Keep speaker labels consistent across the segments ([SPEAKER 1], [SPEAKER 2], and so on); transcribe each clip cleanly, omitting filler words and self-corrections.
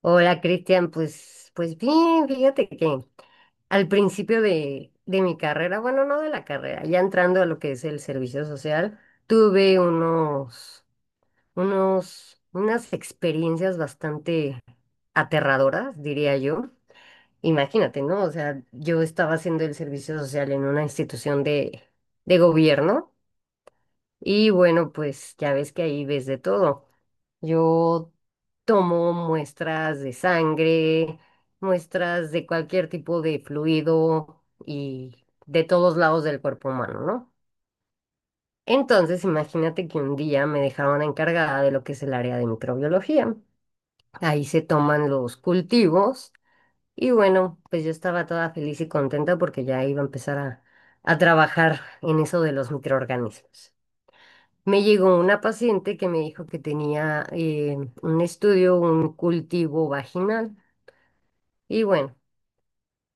[SPEAKER 1] Hola Cristian, pues, pues bien, fíjate que al principio de mi carrera, bueno, no de la carrera, ya entrando a lo que es el servicio social, tuve unos, unas experiencias bastante aterradoras, diría yo. Imagínate, ¿no? O sea, yo estaba haciendo el servicio social en una institución de gobierno. Y bueno, pues ya ves que ahí ves de todo. Yo tomo muestras de sangre, muestras de cualquier tipo de fluido y de todos lados del cuerpo humano, ¿no? Entonces, imagínate que un día me dejaron encargada de lo que es el área de microbiología. Ahí se toman los cultivos y bueno, pues yo estaba toda feliz y contenta porque ya iba a empezar a trabajar en eso de los microorganismos. Me llegó una paciente que me dijo que tenía un estudio, un cultivo vaginal. Y bueno,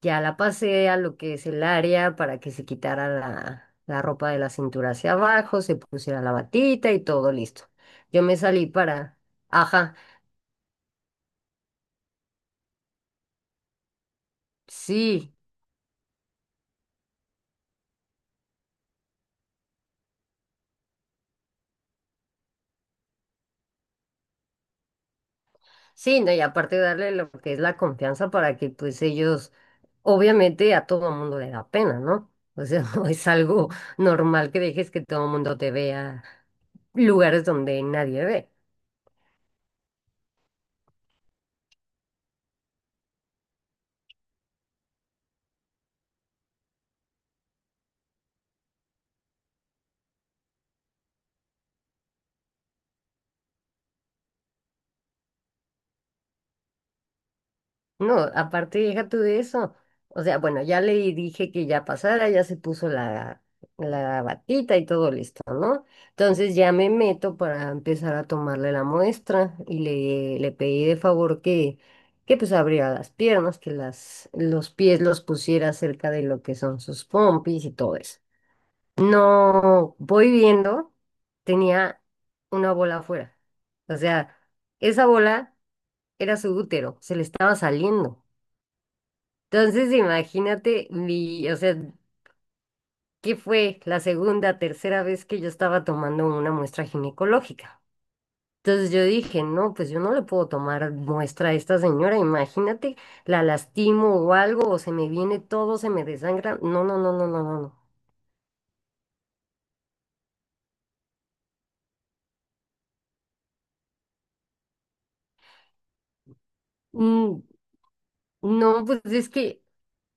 [SPEAKER 1] ya la pasé a lo que es el área para que se quitara la ropa de la cintura hacia abajo, se pusiera la batita y todo listo. Yo me salí para, ajá, sí, sí, no, y aparte darle lo que es la confianza para que pues ellos, obviamente a todo mundo le da pena, ¿no? O sea, no es algo normal que dejes que todo el mundo te vea lugares donde nadie ve. No, aparte deja tú de eso. O sea, bueno, ya le dije que ya pasara, ya se puso la batita y todo listo, ¿no? Entonces ya me meto para empezar a tomarle la muestra y le pedí de favor que pues abriera las piernas, que las, los pies los pusiera cerca de lo que son sus pompis y todo eso. No, voy viendo, tenía una bola afuera. O sea, esa bola era su útero, se le estaba saliendo. Entonces, imagínate mi, o sea, ¿qué fue la segunda, tercera vez que yo estaba tomando una muestra ginecológica? Entonces yo dije, no, pues yo no le puedo tomar muestra a esta señora, imagínate, la lastimo o algo, o se me viene todo, se me desangra. No, no, no, no, no, no, no. Mm, no, pues es que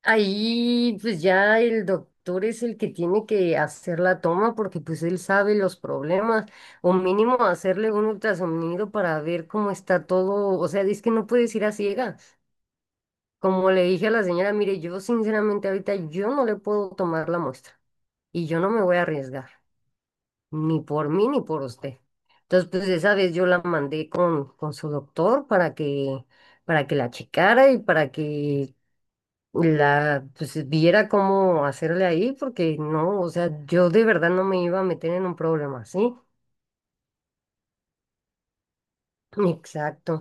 [SPEAKER 1] ahí pues ya el doctor es el que tiene que hacer la toma porque pues él sabe los problemas o mínimo hacerle un ultrasonido para ver cómo está todo, o sea, es que no puedes ir a ciegas. Como le dije a la señora, mire, yo sinceramente ahorita yo no le puedo tomar la muestra y yo no me voy a arriesgar, ni por mí ni por usted. Entonces pues esa vez yo la mandé con su doctor para que la checara y para que la, pues viera cómo hacerle ahí, porque no, o sea, yo de verdad no me iba a meter en un problema, ¿sí? Exacto,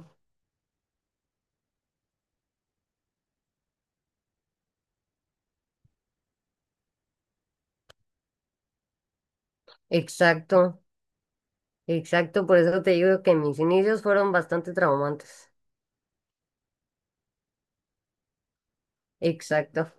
[SPEAKER 1] exacto, exacto, por eso te digo que mis inicios fueron bastante traumantes. Exacto.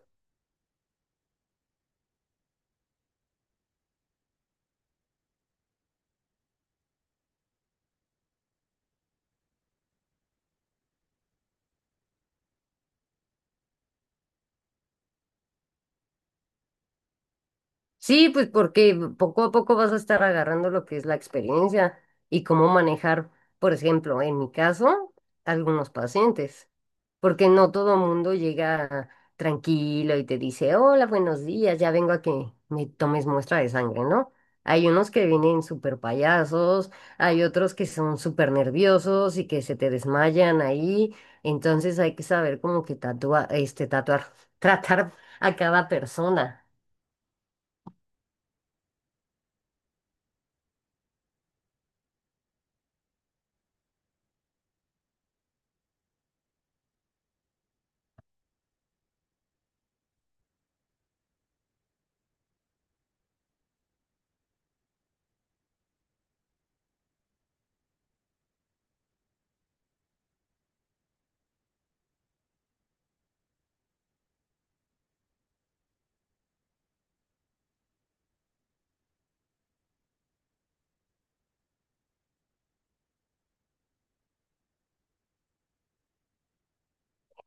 [SPEAKER 1] Sí, pues porque poco a poco vas a estar agarrando lo que es la experiencia y cómo manejar, por ejemplo, en mi caso, algunos pacientes, porque no todo mundo llega tranquilo y te dice, hola, buenos días, ya vengo a que me tomes muestra de sangre, ¿no? Hay unos que vienen súper payasos, hay otros que son súper nerviosos y que se te desmayan ahí, entonces hay que saber como que tratar a cada persona.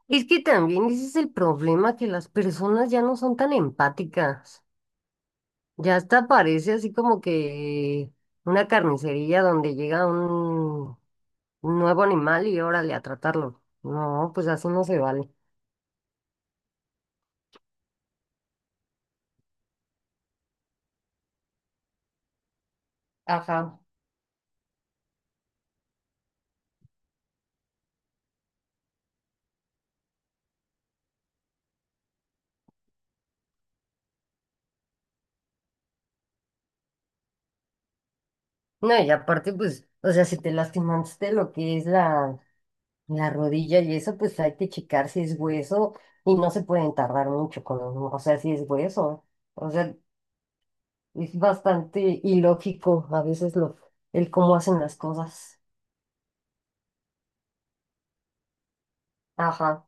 [SPEAKER 1] Es que también ese es el problema, que las personas ya no son tan empáticas. Ya hasta parece así como que una carnicería donde llega un nuevo animal y órale a tratarlo. No, pues así no se vale. Ajá. No, y aparte, pues, o sea, si te lastimaste lo que es la rodilla y eso, pues hay que checar si es hueso y no se pueden tardar mucho con, o sea, si es hueso. O sea, es bastante ilógico a veces lo, el cómo hacen las cosas. Ajá.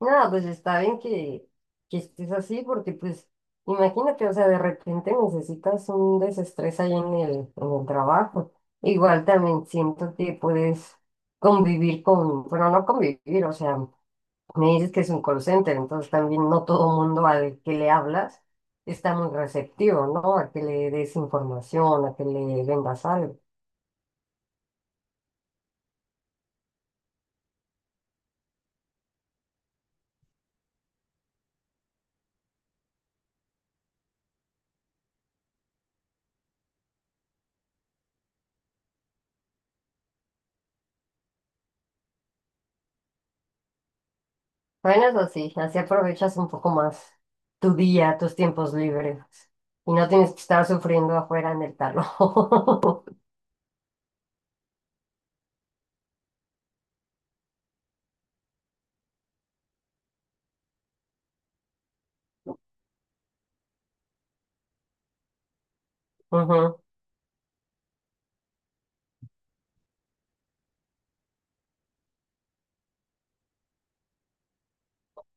[SPEAKER 1] Nada, pues está bien que estés así porque pues imagínate, o sea, de repente necesitas un desestrés ahí en en el trabajo. Igual también siento que puedes convivir con, bueno, no convivir, o sea, me dices que es un call center, entonces también no todo mundo al que le hablas está muy receptivo, ¿no? A que le des información, a que le vendas algo. Bueno, eso sí, así aprovechas un poco más tu día, tus tiempos libres y no tienes que estar sufriendo afuera en el tarro. Ujú.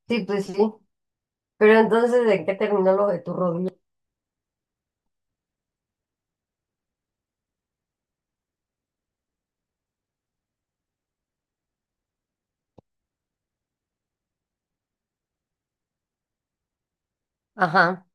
[SPEAKER 1] Sí, pues sí. Pero entonces, ¿de qué terminó lo de tu rodilla? Ajá,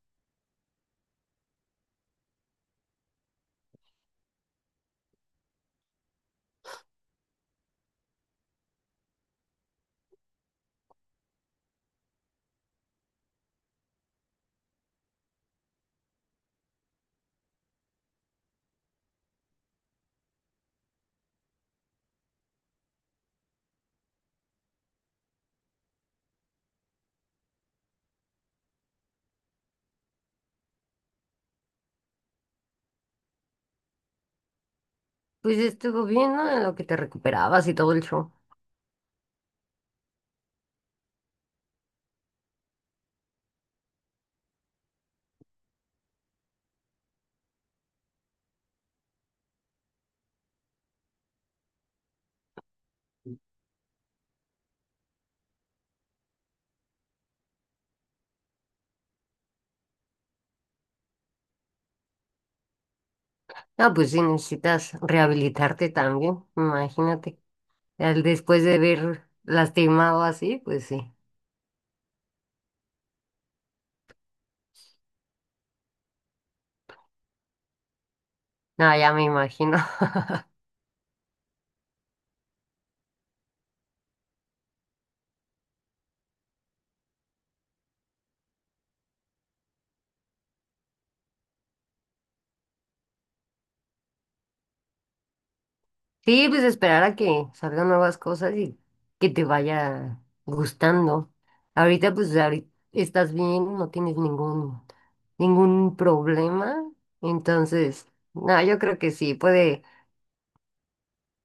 [SPEAKER 1] pues estuvo bien, ¿no? En lo que te recuperabas y todo el show. Ah, pues sí, necesitas rehabilitarte también, imagínate. Al- Después de ver lastimado así, pues sí. No, ya me imagino. Sí, pues esperar a que salgan nuevas cosas y que te vaya gustando. Ahorita, pues ahorita estás bien, no tienes ningún, ningún problema. Entonces, no, yo creo que sí, puede,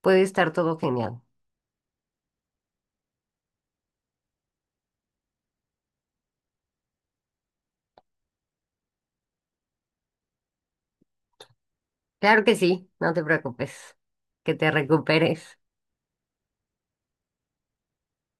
[SPEAKER 1] puede estar todo genial. Claro que sí, no te preocupes, que te recuperes.